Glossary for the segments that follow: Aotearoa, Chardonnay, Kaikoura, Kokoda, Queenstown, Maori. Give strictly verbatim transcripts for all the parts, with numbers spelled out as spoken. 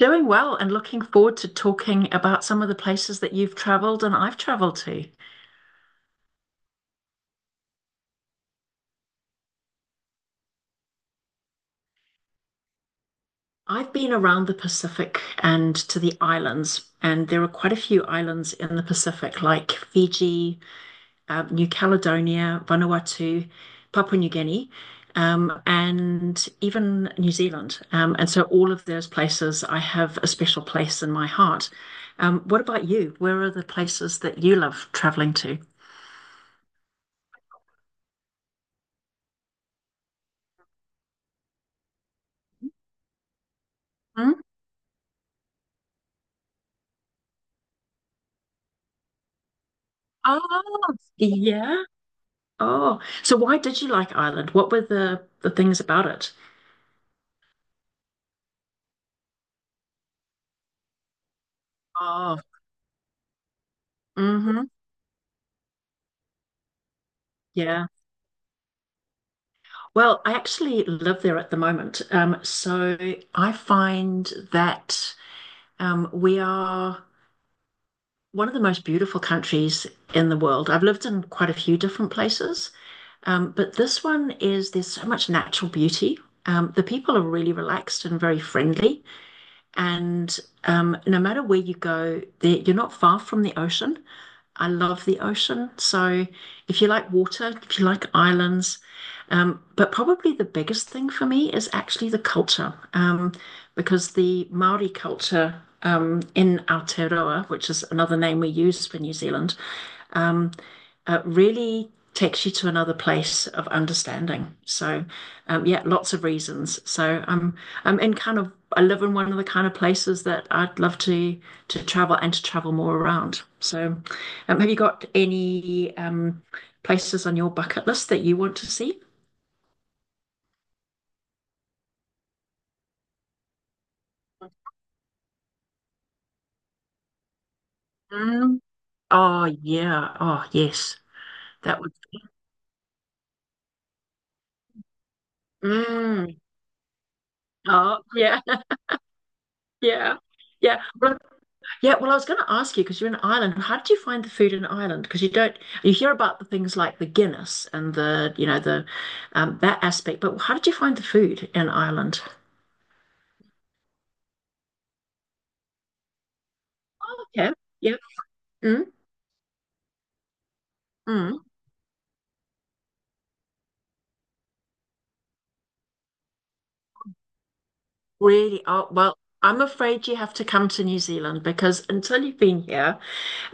Doing well and looking forward to talking about some of the places that you've traveled and I've traveled to. I've been around the Pacific and to the islands, and there are quite a few islands in the Pacific, like Fiji, uh, New Caledonia, Vanuatu, Papua New Guinea, um, and even New Zealand. Um, and so, all of those places, I have a special place in my heart. Um, what about you? Where are the places that you love traveling to? Hmm? Oh, yeah. Oh, so why did you like Ireland? What were the the things about it? Oh, hmm. Yeah. Well, I actually live there at the moment. Um, so I find that um, we are one of the most beautiful countries in the world. I've lived in quite a few different places, um, but this one is there's so much natural beauty. Um, the people are really relaxed and very friendly. And um, no matter where you go, there, you're not far from the ocean. I love the ocean. So if you like water, if you like islands, um, but probably the biggest thing for me is actually the culture, um, because the Maori culture um, in Aotearoa, which is another name we use for New Zealand, uh, really takes you to another place of understanding. So, um, yeah, lots of reasons. So I'm I'm in kind of I live in one of the kind of places that I'd love to to travel and to travel more around. So, um, have you got any um, places on your bucket list that you want to see? Mm. Oh, yeah. Oh, yes. That would. Mm. Oh, yeah, yeah, yeah. Well, Yeah, well, I was going to ask you because you're in Ireland. How did you find the food in Ireland? Because you don't you hear about the things like the Guinness and the you know the um, that aspect, but how did you find the food in Ireland? Okay. Yeah. Mm, mm. Really? Oh, well, I'm afraid you have to come to New Zealand because until you've been here,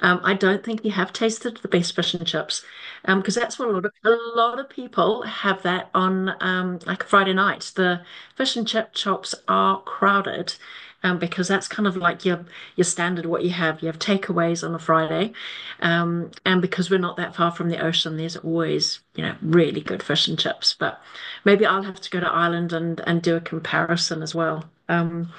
Um, I don't think you have tasted the best fish and chips, um, because that's what a lot of a lot of people have that on um, like Friday night. The fish and chip shops are crowded, um, because that's kind of like your your standard what you have. You have takeaways on a Friday, um, and because we're not that far from the ocean, there's always you know really good fish and chips. But maybe I'll have to go to Ireland and and do a comparison as well. Um,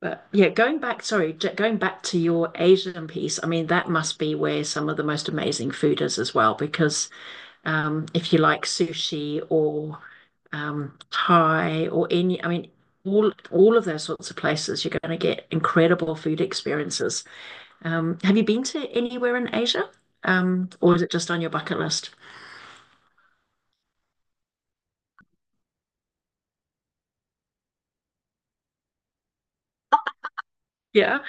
but yeah, going back, sorry, going back to your Asian piece, I mean, that must be where some of the most amazing food is as well, because um, if you like sushi or um, Thai or any, I mean, all all of those sorts of places, you're going to get incredible food experiences. Um, have you been to anywhere in Asia? Um, or is it just on your bucket list? Yeah.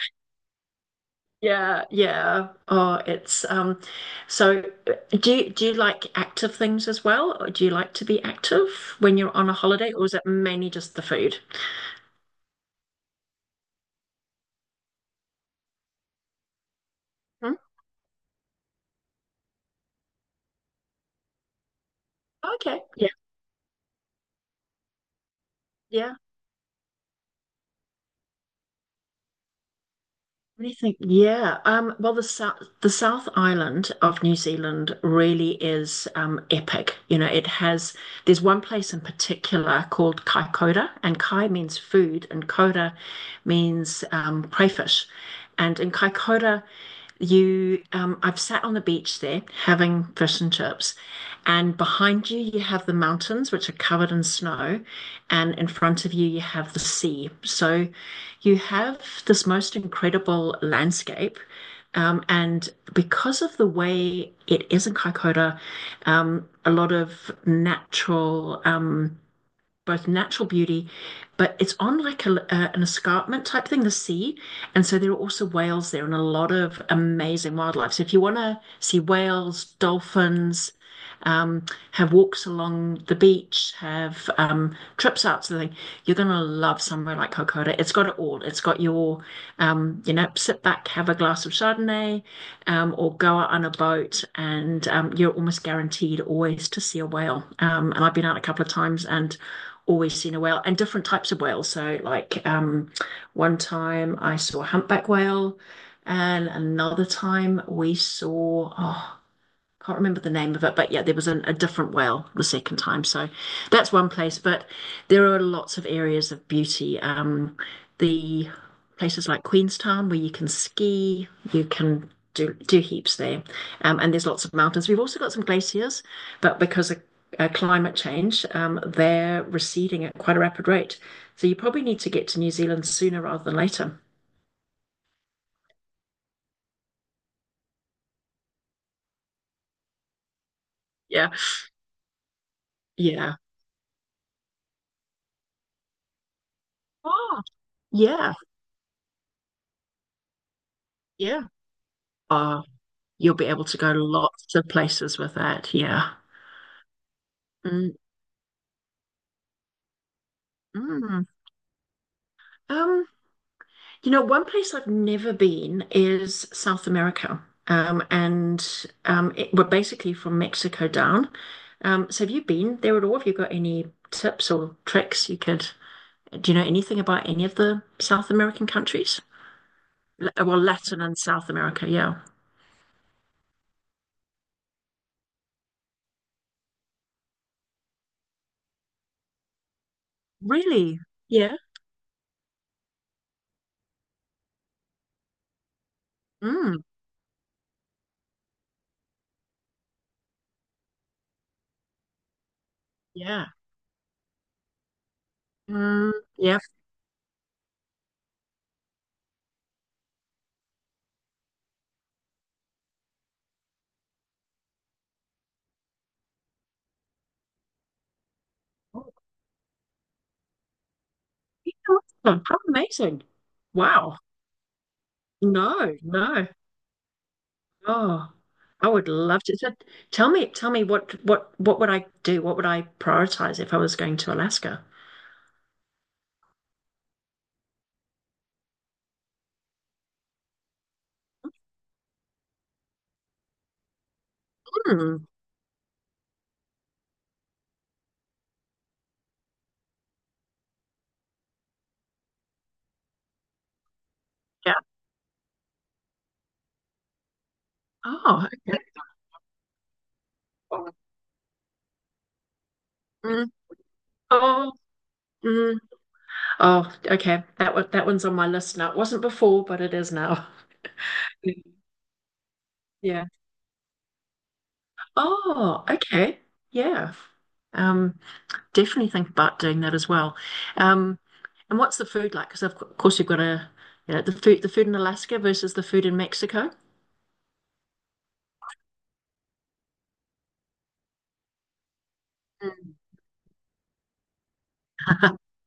Yeah, yeah. Oh, it's um so uh, do you, do you like active things as well? Or do you like to be active when you're on a holiday, or is it mainly just the food? Hmm? Okay. Yeah. Yeah. Anything, yeah. Um, well, the South, the South Island of New Zealand really is um, epic. You know, it has, there's one place in particular called Kai Koura, and Kai means food, and Koura means um, crayfish. And in Kai Koura, you, um, I've sat on the beach there having fish and chips, and behind you, you have the mountains, which are covered in snow and in front of you you have the sea. So you have this most incredible landscape. Um, and because of the way it is in Kaikoura, um, a lot of natural um, both natural beauty, but it's on like a, uh, an escarpment type thing, the sea. And so there are also whales there and a lot of amazing wildlife. So if you want to see whales, dolphins, um, have walks along the beach, have um, trips out to the thing, you're going to love somewhere like Kokoda. It's got it all. It's got your, um, you know, sit back, have a glass of Chardonnay, um, or go out on a boat, and um, you're almost guaranteed always to see a whale. Um, and I've been out a couple of times and always seen a whale and different types of whales. So, like um, one time I saw a humpback whale, and another time we saw, oh, can't remember the name of it, but yeah, there was an, a different whale the second time. So that's one place, but there are lots of areas of beauty. Um, the places like Queenstown where you can ski, you can do do heaps there, um, and there's lots of mountains. We've also got some glaciers, but because of uh, climate change, um, they're receding at quite a rapid rate. So you probably need to get to New Zealand sooner rather than later. Yeah, yeah. Oh, yeah, yeah. Oh, you'll be able to go lots of places with that. Yeah. Mm. Mm. Um, you know, one place I've never been is South America. Um, and um, It, we're basically from Mexico down. Um, so have you been there at all? Have you got any tips or tricks you could, do you know anything about any of the South American countries? L- Well, Latin and South America, yeah. Really? Yeah. Mm, yeah. Mm, yeah. Oh, yeah, awesome. How amazing. Wow. No, no. Oh, I would love to. So tell me, tell me what what what would I do? What would I prioritize if I was going to Alaska? Hmm. Yeah. Oh, okay. Oh, mm, oh, mm. Oh, okay. That one, that one's on my list now. It wasn't before, but it is now. Yeah. Oh, okay. Yeah. Um, Definitely think about doing that as well. Um, and what's the food like? Because of cou- course you've got a, you know, the food the food in Alaska versus the food in Mexico. Mm.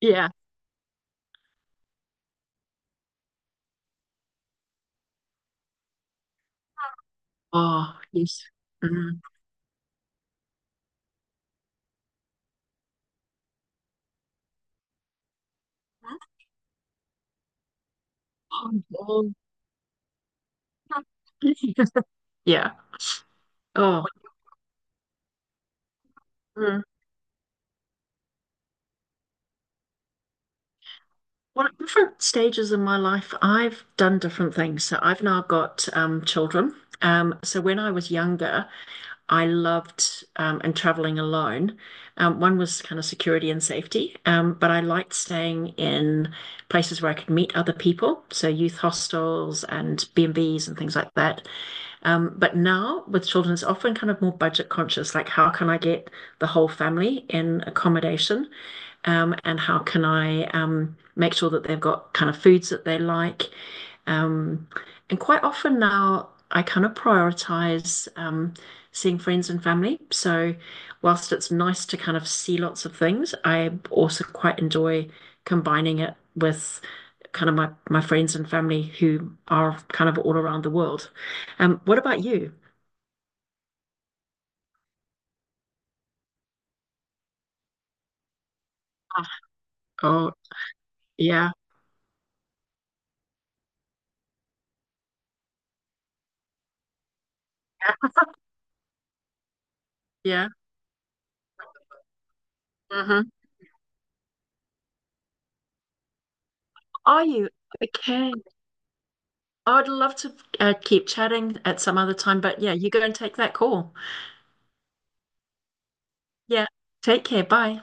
Yeah. Oh, yes. Mm. Oh, oh. Yeah. Oh, mm. Well, at different stages in my life, I've done different things. So I've now got um, children. Um, so when I was younger, I loved um, and traveling alone. Um, one was kind of security and safety, um, but I liked staying in places where I could meet other people. So youth hostels and B and Bs and Bs and things like that. Um, but now with children, it's often kind of more budget conscious, like how can I get the whole family in accommodation? Um, and how can I um, make sure that they've got kind of foods that they like? Um, and quite often now, I kind of prioritize um, seeing friends and family. So, whilst it's nice to kind of see lots of things, I also quite enjoy combining it with kind of my, my friends and family who are kind of all around the world. Um, what about you? Ah, oh, yeah. Yeah. Hmm. Are you? Okay. I would love to uh, keep chatting at some other time, but yeah, you go and take that call. Yeah. Take care. Bye.